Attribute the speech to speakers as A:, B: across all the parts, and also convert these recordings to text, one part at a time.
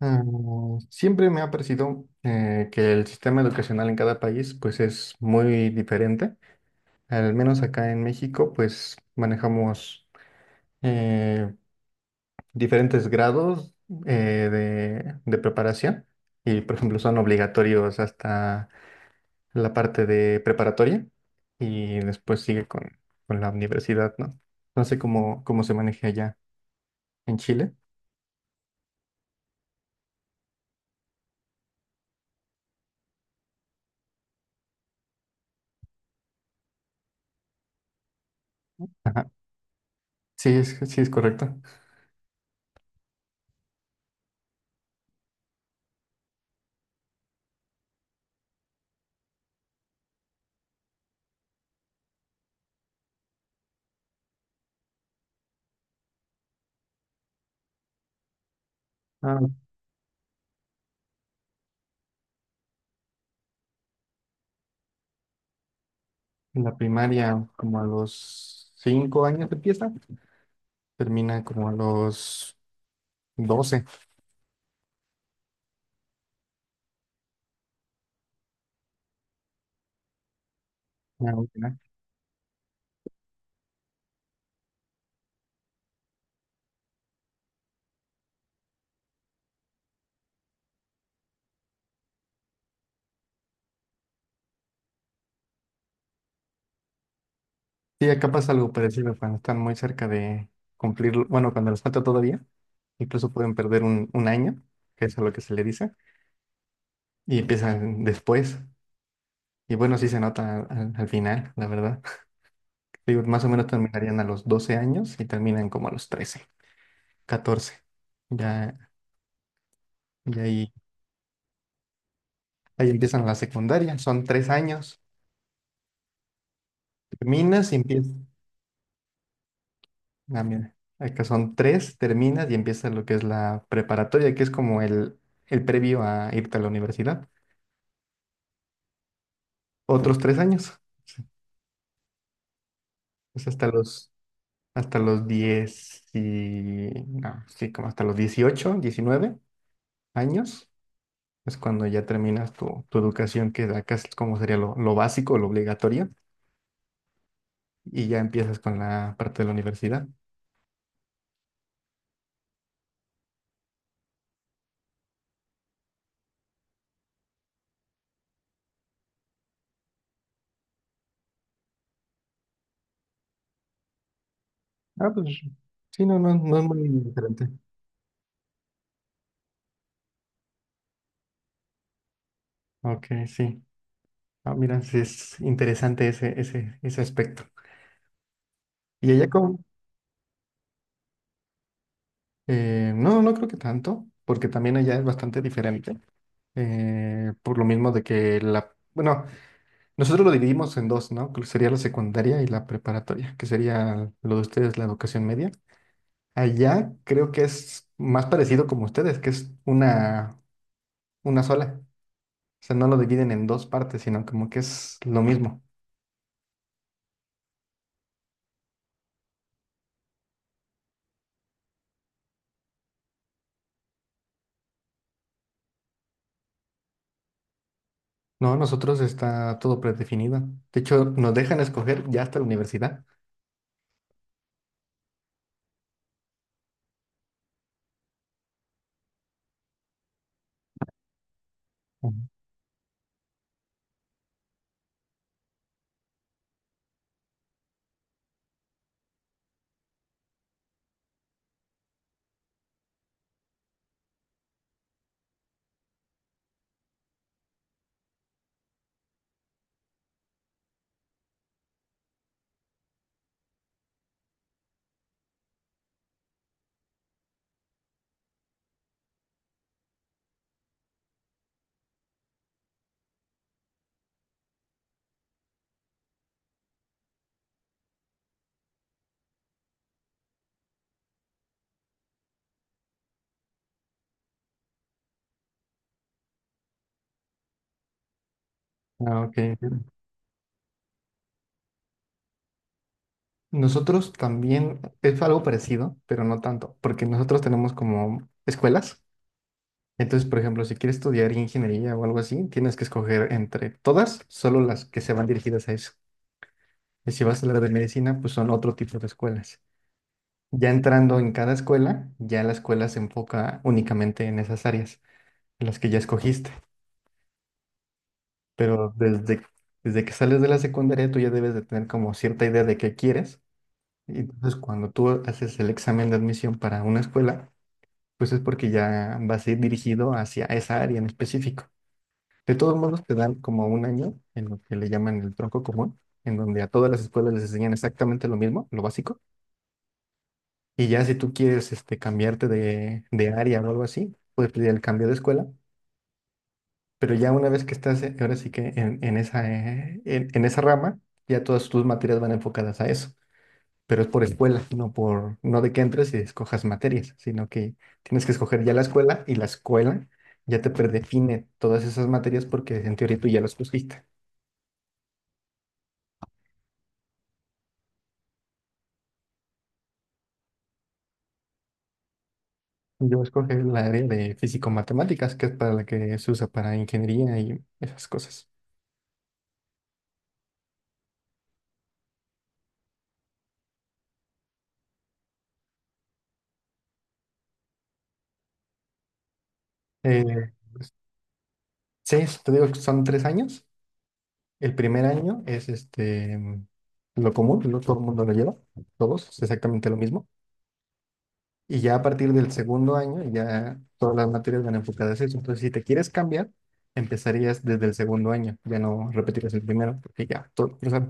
A: Ah, Siempre me ha parecido que el sistema educacional en cada país pues es muy diferente. Al menos acá en México pues manejamos eh, diferentes grados eh, de preparación y por ejemplo son obligatorios hasta la parte de preparatoria y después sigue con la universidad, ¿no? No sé cómo se maneja allá en Chile. Sí, sí es correcto. Ah, en la primaria, como a los 5 años empieza, termina como a los 12. Ya, ya. Sí, acá pasa algo parecido cuando están muy cerca de cumplir, bueno, cuando les falta todavía, incluso pueden perder un año, que es a lo que se le dice, y empiezan después. Y bueno, sí se nota al final, la verdad. Digo, más o menos terminarían a los 12 años y terminan como a los 13, 14. Ya, y ahí, ahí empiezan la secundaria, son 3 años. Terminas y empiezas. Ah, mira, acá son tres, terminas y empieza lo que es la preparatoria, que es como el previo a irte a la universidad. Otros 3 años, sí, es hasta los 10 y, no, sí, como hasta los 18 19 años, es cuando ya terminas tu educación, que acá es como sería lo básico, lo obligatorio, y ya empiezas con la parte de la universidad. Ah, pues sí, no, no, no es muy diferente. Ok, sí. Ah, mira, sí es interesante ese aspecto. ¿Y allá cómo? No, no creo que tanto, porque también allá es bastante diferente. Por lo mismo de que, bueno, nosotros lo dividimos en dos, ¿no? Que sería la secundaria y la preparatoria, que sería lo de ustedes, la educación media. Allá creo que es más parecido como ustedes, que es una sola. O sea, no lo dividen en dos partes, sino como que es lo mismo. No, nosotros está todo predefinido. De hecho, nos dejan escoger ya hasta la universidad. Ujú. Ah, ok. Entiendo. Nosotros también es algo parecido, pero no tanto, porque nosotros tenemos como escuelas. Entonces, por ejemplo, si quieres estudiar ingeniería o algo así, tienes que escoger entre todas, solo las que se van dirigidas a eso. Y si vas a hablar de medicina, pues son otro tipo de escuelas. Ya entrando en cada escuela, ya la escuela se enfoca únicamente en esas áreas, en las que ya escogiste. Pero desde que sales de la secundaria tú ya debes de tener como cierta idea de qué quieres. Y entonces cuando tú haces el examen de admisión para una escuela, pues es porque ya vas a ir dirigido hacia esa área en específico. De todos modos te dan como un año en lo que le llaman el tronco común, en donde a todas las escuelas les enseñan exactamente lo mismo, lo básico. Y ya si tú quieres cambiarte de área o algo así, puedes pedir el cambio de escuela. Pero ya una vez que estás, ahora sí que en esa, en esa rama, ya todas tus materias van enfocadas a eso. Pero es por escuela, no por, no de que entres y escojas materias, sino que tienes que escoger ya la escuela y la escuela ya te predefine todas esas materias porque en teoría tú ya las escogiste. Yo escogí el área de físico-matemáticas, que es para la que se usa para ingeniería y esas cosas. Eh, pues, sí, te digo que son 3 años. El primer año es este, lo común, todo el mundo lo lleva, todos, es exactamente lo mismo. Y ya a partir del segundo año, ya todas las materias van enfocadas a eso. Entonces, si te quieres cambiar, empezarías desde el segundo año, ya no repetirás el primero, porque ya todo, o sea,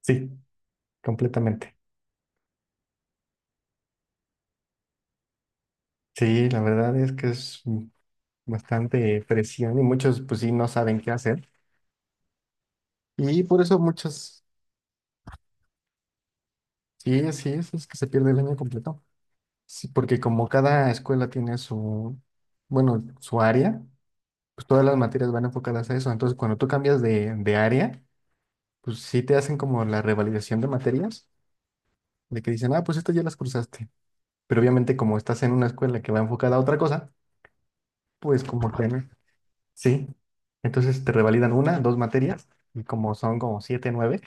A: sí, completamente. Sí, la verdad es que es bastante presión y muchos, pues sí, no saben qué hacer. Y por eso muchos, sí, así es que se pierde el año completo. Sí, porque como cada escuela tiene su, bueno, su área, pues todas las materias van enfocadas a eso. Entonces, cuando tú cambias de área, pues sí te hacen como la revalidación de materias, de que dicen, ah, pues estas ya las cruzaste. Pero obviamente como estás en una escuela que va enfocada a otra cosa, pues como que no. Sí. Entonces te revalidan una, dos materias, y como son como siete, nueve,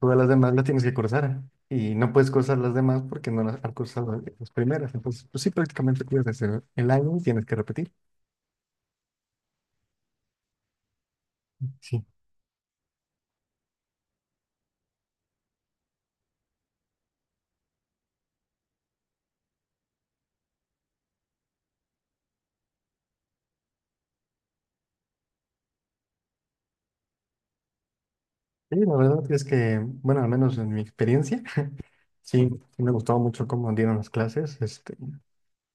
A: todas las demás las tienes que cursar. Y no puedes cursar las demás porque no las has cursado las primeras. Entonces, pues sí, prácticamente pierdes el año y tienes que repetir. Sí, sí, la verdad es que, bueno, al menos en mi experiencia, sí, sí me gustaba mucho cómo dieron las clases. Este,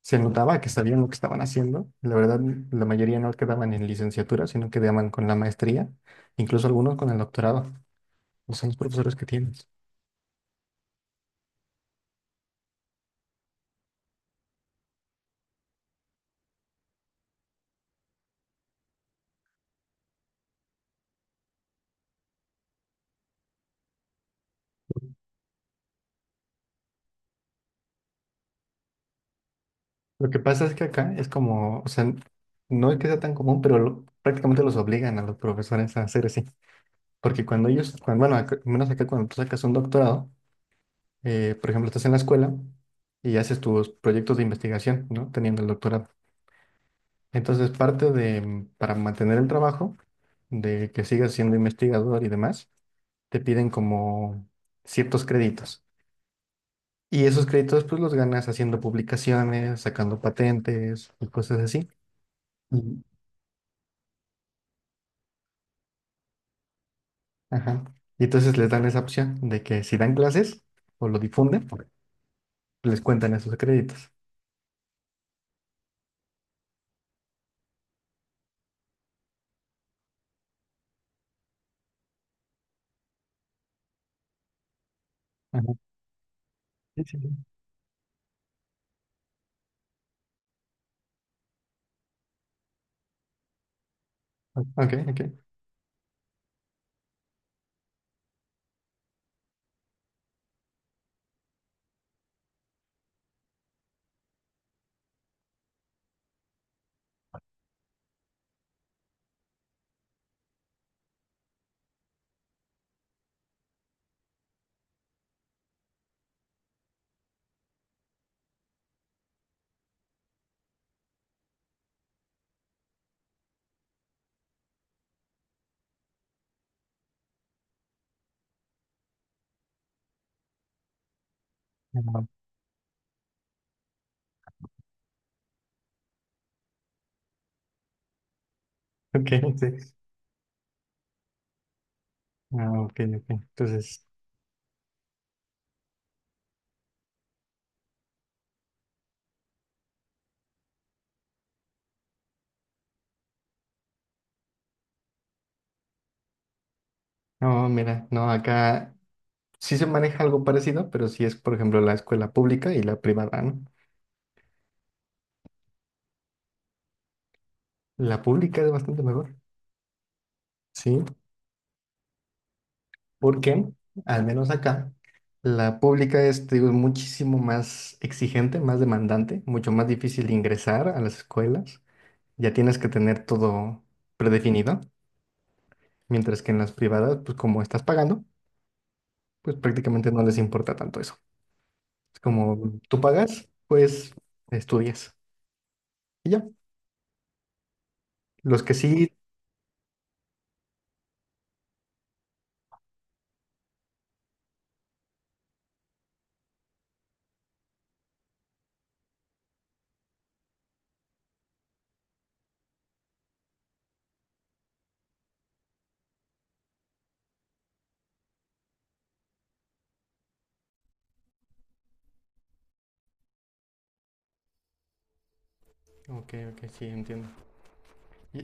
A: se notaba que sabían lo que estaban haciendo. La verdad, la mayoría no quedaban en licenciatura, sino quedaban con la maestría, incluso algunos con el doctorado. O sea, los profesores que tienes. Lo que pasa es que acá es como, o sea, no es que sea tan común, pero prácticamente los obligan a los profesores a hacer así. Porque bueno, al menos acá cuando tú sacas un doctorado, por ejemplo, estás en la escuela y haces tus proyectos de investigación, ¿no? Teniendo el doctorado. Entonces, parte de, para mantener el trabajo, de que sigas siendo investigador y demás, te piden como ciertos créditos. Y esos créditos, pues los ganas haciendo publicaciones, sacando patentes y cosas así. Ujú. Ajá. Y entonces les dan esa opción de que si dan clases o lo difunden, les cuentan esos créditos. Ajá. Sí, sí, sí. Ok, ok. Ajá. Ok, sí. Ah, ok, ok. Entonces, no, mira, no, acá sí se maneja algo parecido, pero sí es, por ejemplo, la escuela pública y la privada, ¿no? La pública es bastante mejor, ¿sí? Porque, al menos acá, la pública es, te digo, muchísimo más exigente, más demandante, mucho más difícil ingresar a las escuelas. Ya tienes que tener todo predefinido, mientras que en las privadas, pues como estás pagando, pues prácticamente no les importa tanto eso. Es como tú pagas, pues estudias. Y ya, los que sí, ok, ok, sí, entiendo. Y-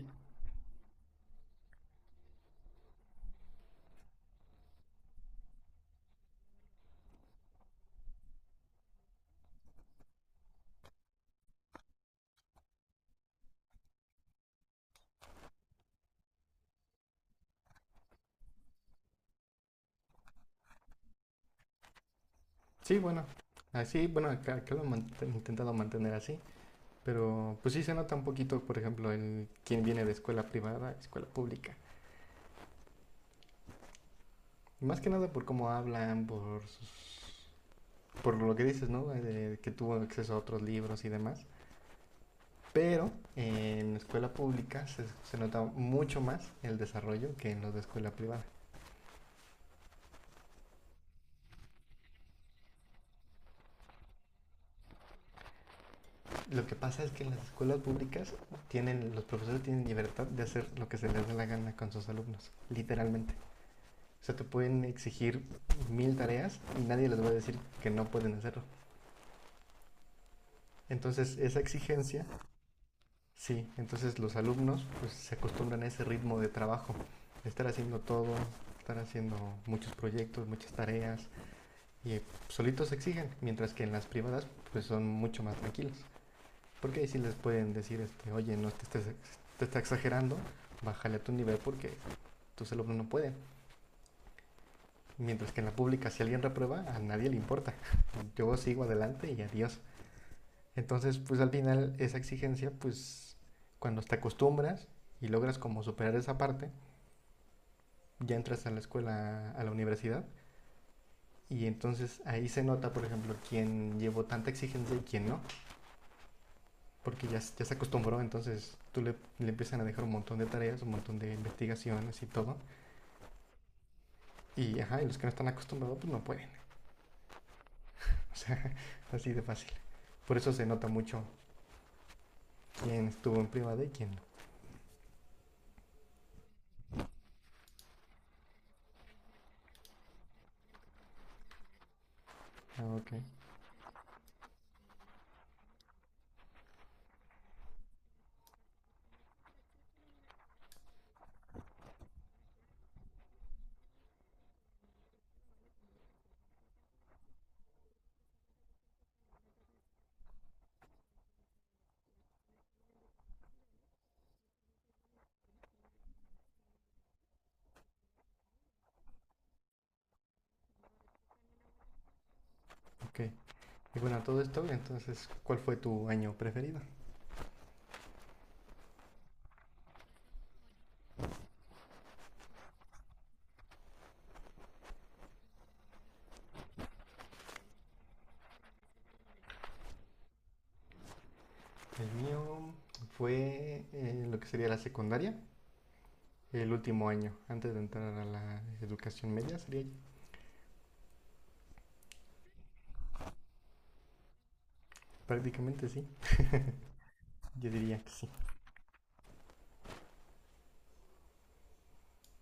A: sí, bueno, así, bueno, acá lo he intentado mantener así, pero pues sí se nota un poquito, por ejemplo, el quién viene de escuela privada, a escuela pública. Y más que nada por cómo hablan, por, por lo que dices, ¿no? De que tuvo acceso a otros libros y demás. Pero en escuela pública se nota mucho más el desarrollo que en los de escuela privada. Lo que pasa es que en las escuelas públicas tienen, los profesores tienen libertad de hacer lo que se les dé la gana con sus alumnos, literalmente. O sea, te pueden exigir mil tareas y nadie les va a decir que no pueden hacerlo. Entonces, esa exigencia, sí, entonces los alumnos pues, se acostumbran a ese ritmo de trabajo, de estar haciendo todo, estar haciendo muchos proyectos, muchas tareas, y solitos se exigen, mientras que en las privadas pues son mucho más tranquilos. Porque ahí sí les pueden decir, oye, no te estés te está exagerando, bájale a tu nivel porque tus alumnos no pueden. Mientras que en la pública, si alguien reprueba, a nadie le importa. Yo sigo adelante y adiós. Entonces, pues al final esa exigencia, pues cuando te acostumbras y logras como superar esa parte, ya entras a la escuela, a la universidad, y entonces ahí se nota, por ejemplo, quién llevó tanta exigencia y quién no. Porque ya, ya se acostumbró, entonces tú le empiezan a dejar un montón de tareas, un montón de investigaciones y todo. Y, ajá, y los que no están acostumbrados, pues no pueden. O sea, así de fácil. Por eso se nota mucho quién estuvo en privada y quién no. Ah, ok, ok. Y bueno, todo esto, entonces, ¿cuál fue tu año preferido? El mío fue lo que sería la secundaria, el último año, antes de entrar a la educación media, sería prácticamente sí, yo diría que sí.